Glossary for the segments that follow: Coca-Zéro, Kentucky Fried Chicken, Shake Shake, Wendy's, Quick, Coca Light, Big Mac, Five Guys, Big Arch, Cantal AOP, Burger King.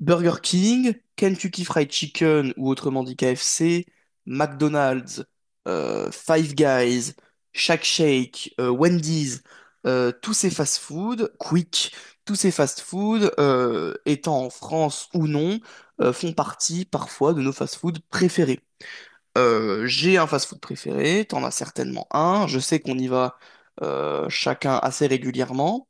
Burger King, Kentucky Fried Chicken ou autrement dit KFC, McDonald's, Five Guys, Shake Shake, Wendy's, tous ces fast-food, Quick, tous ces fast-food, étant en France ou non, font partie parfois de nos fast-food préférés. J'ai un fast-food préféré, t'en as certainement un, je sais qu'on y va chacun assez régulièrement.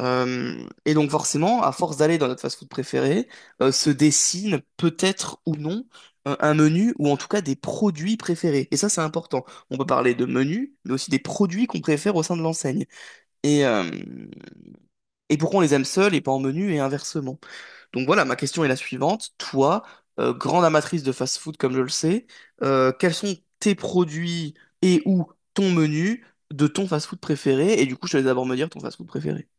Et donc forcément, à force d'aller dans notre fast-food préféré, se dessine peut-être ou non un menu ou en tout cas des produits préférés. Et ça, c'est important. On peut parler de menus, mais aussi des produits qu'on préfère au sein de l'enseigne. Et, euh, et pourquoi on les aime seuls et pas en menu et inversement. Donc voilà, ma question est la suivante. Toi, grande amatrice de fast-food comme je le sais, quels sont tes produits et ou ton menu de ton fast-food préféré? Et du coup, je te laisse d'abord me dire ton fast-food préféré.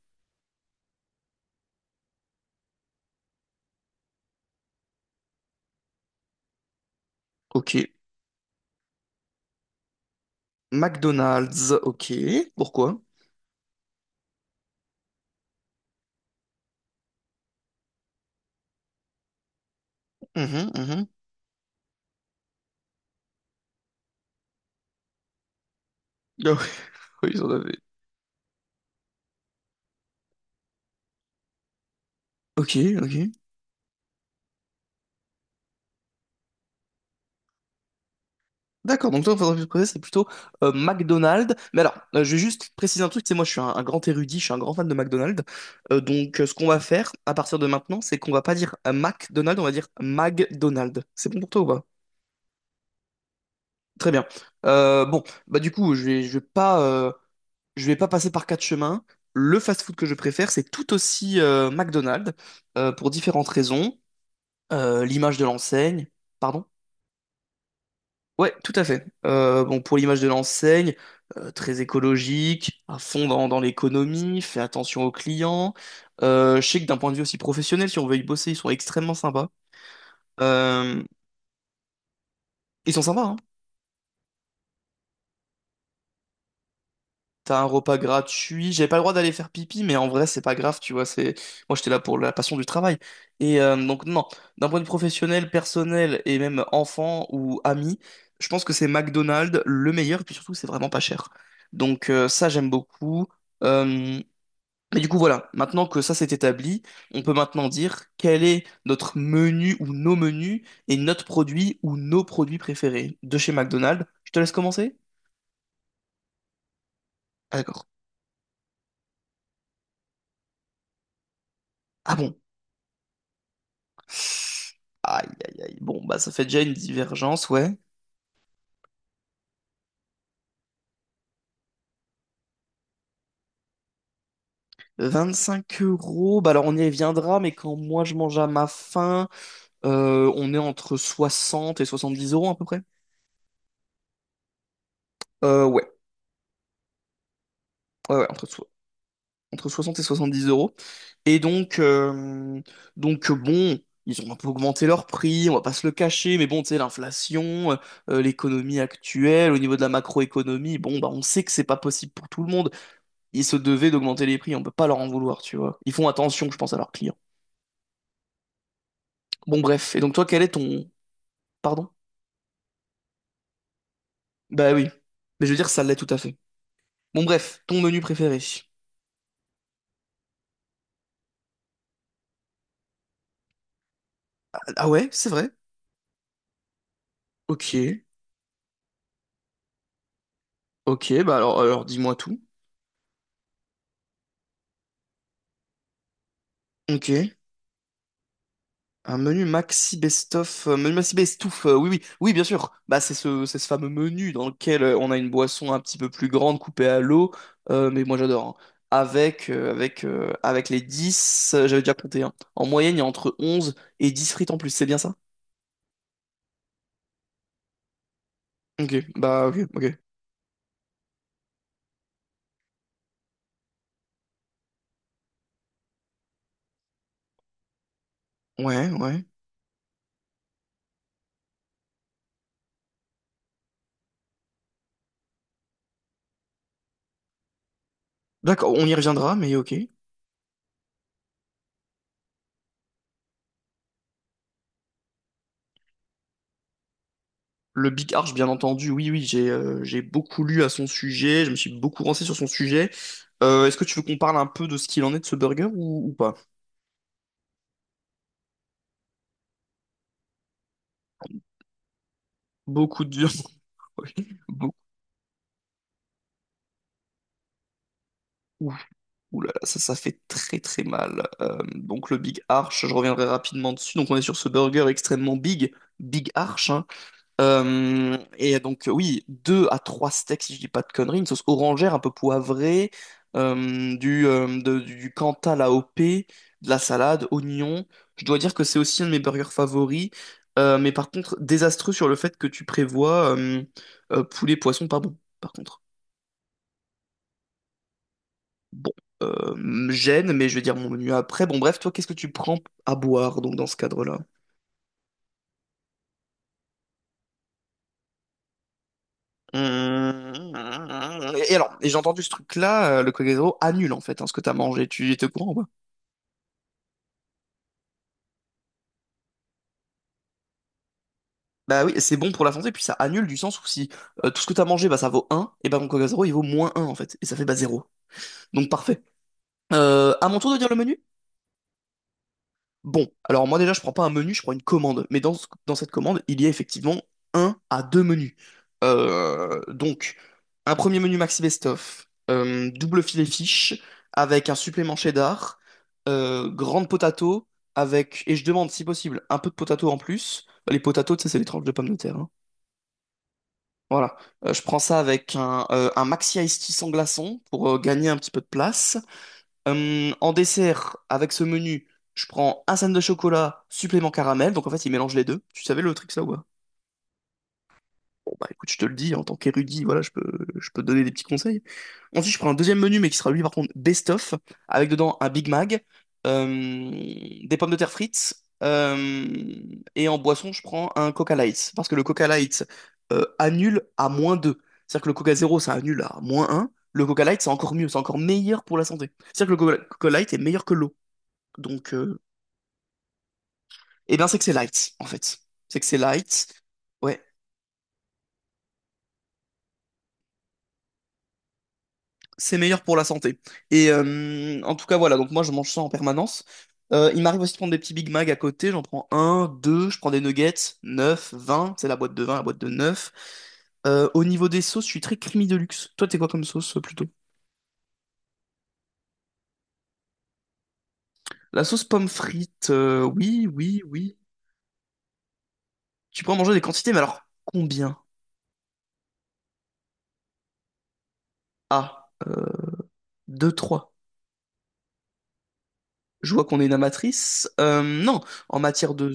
Ok. McDonald's, ok. Pourquoi? Mhm, mhm. Ah oui, oui, ils en avaient. Ok, ok. D'accord, donc toi, ton entreprise préférée, c'est plutôt McDonald's. Mais alors, je vais juste préciser un truc, c'est moi, je suis un grand érudit, je suis un grand fan de McDonald's. Donc ce qu'on va faire à partir de maintenant, c'est qu'on va pas dire McDonald's, on va dire McDonald's. C'est bon pour toi ou pas? Très bien. Bon, bah du coup, je vais pas passer par quatre chemins. Le fast-food que je préfère, c'est tout aussi McDonald's pour différentes raisons. L'image de l'enseigne, pardon? Ouais, tout à fait. Bon, pour l'image de l'enseigne, très écologique, à fond dans l'économie, fait attention aux clients. Je sais que d'un point de vue aussi professionnel, si on veut y bosser, ils sont extrêmement sympas. Euh, Ils sont sympas, hein. T'as un repas gratuit. J'avais pas le droit d'aller faire pipi, mais en vrai, c'est pas grave, tu vois. C'est moi, j'étais là pour la passion du travail. Et donc non, d'un point de vue professionnel, personnel et même enfant ou ami, je pense que c'est McDonald's le meilleur. Et puis surtout, c'est vraiment pas cher. Donc ça, j'aime beaucoup. Euh, Mais du coup, voilà. Maintenant que ça s'est établi, on peut maintenant dire quel est notre menu ou nos menus et notre produit ou nos produits préférés de chez McDonald's. Je te laisse commencer? Ah, d'accord. Ah bon, aïe, aïe, aïe. Bon, bah ça fait déjà une divergence, ouais. 25 euros, bah alors on y reviendra, mais quand moi je mange à ma faim, on est entre 60 et 70 euros à peu près. Ouais, ouais, ouais, entre 60 et 70 euros. Et donc, bon, ils ont un peu augmenté leur prix, on va pas se le cacher, mais bon, tu sais, l'inflation, l'économie actuelle, au niveau de la macroéconomie, bon, bah on sait que c'est pas possible pour tout le monde. Ils se devaient d'augmenter les prix, on peut pas leur en vouloir, tu vois. Ils font attention, je pense, à leurs clients. Bon, bref. Et donc, toi, quel est ton... Pardon? Bah oui. Mais je veux dire, ça l'est tout à fait. Bon, bref, ton menu préféré. Ah ouais, c'est vrai. Ok, ok, bah alors dis-moi tout. Ok. Un menu maxi best-of, menu maxi best-off, oui, oui, oui, bien sûr. Bah, c'est ce fameux menu dans lequel on a une boisson un petit peu plus grande coupée à l'eau, mais moi j'adore, hein. Avec les 10, j'avais déjà compté, hein. En moyenne, il y a entre 11 et 10 frites en plus, c'est bien ça? Ok, bah, ok, ok. Ouais, ouais. D'accord, on y reviendra, mais ok. Le Big Arch, bien entendu, oui, oui, j'ai beaucoup lu à son sujet, je me suis beaucoup renseigné sur son sujet. Est-ce que tu veux qu'on parle un peu de ce qu'il en est de ce burger ou pas? Beaucoup de. Oui, beaucoup. Ouh là là, ça fait très très mal. Donc le Big Arch, je reviendrai rapidement dessus. Donc on est sur ce burger extrêmement big, Big Arch, hein. Et donc, oui, deux à trois steaks si je dis pas de conneries, une sauce orangère un peu poivrée, du Cantal AOP, de la salade, oignons. Je dois dire que c'est aussi un de mes burgers favoris. Mais par contre, désastreux sur le fait que tu prévois poulet poisson pas bon, par contre. Bon, me gêne, mais je vais dire mon menu après. Bon, bref, toi, qu'est-ce que tu prends à boire, donc, dans ce cadre-là? Mmh. Et alors, et j'ai entendu ce truc-là, le Coca-Zéro annule, en fait, hein, ce que t'as mangé. Tu étais au courant ou pas? Bah oui, c'est bon pour la santé, puis ça annule du sens où si tout ce que t'as mangé, bah ça vaut un et bah mon Coca-Zéro, il vaut moins un en fait. Et ça fait bah zéro. Donc parfait. À mon tour de dire le menu? Bon, alors moi déjà, je prends pas un menu, je prends une commande. Mais dans cette commande, il y a effectivement un à deux menus. Euh, donc, un premier menu Maxi Best Of, double filet fish avec un supplément cheddar, grande potato avec, et je demande si possible, un peu de potato en plus. Les potatoes, tu sais, c'est les tranches de pommes de terre, hein. Voilà. Je prends ça avec un Maxi Ice Tea sans glaçon pour gagner un petit peu de place. En dessert, avec ce menu, je prends un sandwich de chocolat, supplément caramel. Donc en fait, il mélange les deux. Tu savais le truc ça ou pas? Bon bah écoute, je te le dis, en tant qu'érudit, voilà, je peux te donner des petits conseils. Ensuite, je prends un deuxième menu, mais qui sera lui par contre best-of, avec dedans un Big Mac, euh, des pommes de terre frites, euh, et en boisson, je prends un Coca Light. Parce que le Coca Light annule à moins 2. C'est-à-dire que le Coca Zéro, ça annule à moins un. Le Coca Light, c'est encore mieux, c'est encore meilleur pour la santé. C'est-à-dire que le Coca Light est meilleur que l'eau. Donc, eh bien, c'est que c'est light, en fait. C'est que c'est light. Ouais, c'est meilleur pour la santé. Et en tout cas, voilà. Donc, moi, je mange ça en permanence. Il m'arrive aussi de prendre des petits Big Mac à côté. J'en prends un, deux. Je prends des nuggets, neuf, 20. C'est la boîte de 20, la boîte de neuf. Au niveau des sauces, je suis très creamy de luxe. Toi, t'es quoi comme sauce plutôt? La sauce pomme frite, oui, oui, oui. Tu peux en manger des quantités, mais alors combien? Ah, 2 trois. Je vois qu'on est une amatrice. Non, en matière de...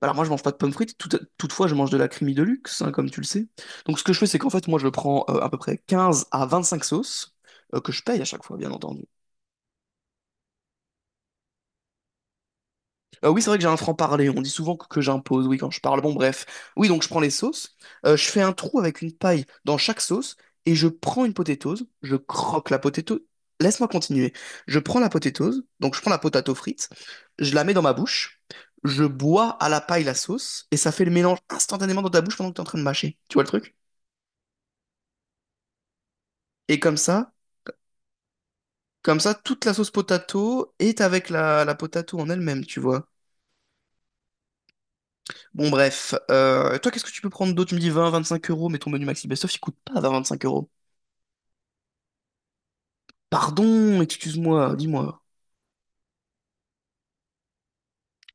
Alors moi je mange pas de pommes frites, toutefois je mange de la creamy de luxe, hein, comme tu le sais. Donc ce que je fais c'est qu'en fait moi je prends à peu près 15 à 25 sauces que je paye à chaque fois bien entendu. Oui c'est vrai que j'ai un franc-parler, on dit souvent que j'impose, oui quand je parle, bon bref. Oui donc je prends les sauces, je fais un trou avec une paille dans chaque sauce et je prends une potatoes, je croque la potatoes. Laisse-moi continuer. Je prends la potatoes, donc je prends la potato frite, je la mets dans ma bouche, je bois à la paille la sauce et ça fait le mélange instantanément dans ta bouche pendant que tu es en train de mâcher. Tu vois le truc? Et comme ça, toute la sauce potato est avec la potato en elle-même, tu vois. Bon, bref. Toi, qu'est-ce que tu peux prendre d'autre? Tu me dis 20, 25 euros, mais ton menu Maxi Best-of, il coûte pas 20, 25 euros. Pardon, excuse-moi, dis-moi.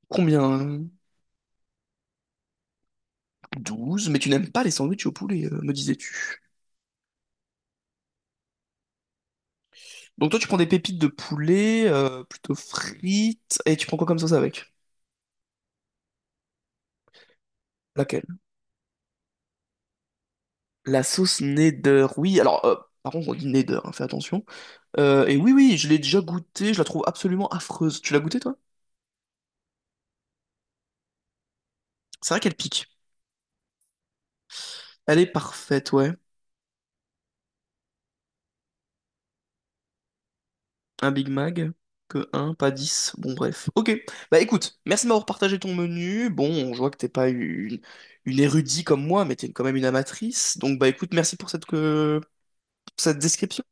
Combien? 12, mais tu n'aimes pas les sandwichs au poulet, me disais-tu. Donc toi, tu prends des pépites de poulet, plutôt frites, et tu prends quoi comme sauce avec? Laquelle? La sauce Neder, oui. Alors, par contre, on dit Neder, hein, fais attention. Et oui, oui, je l'ai déjà goûtée, je la trouve absolument affreuse. Tu l'as goûtée, toi? C'est vrai qu'elle pique. Elle est parfaite, ouais. Un Big Mac, que un, pas 10. Bon, bref. Ok. Bah écoute, merci de m'avoir partagé ton menu. Bon, je vois que t'es pas une érudite comme moi, mais t'es quand même une amatrice. Donc bah écoute, merci pour cette, cette description.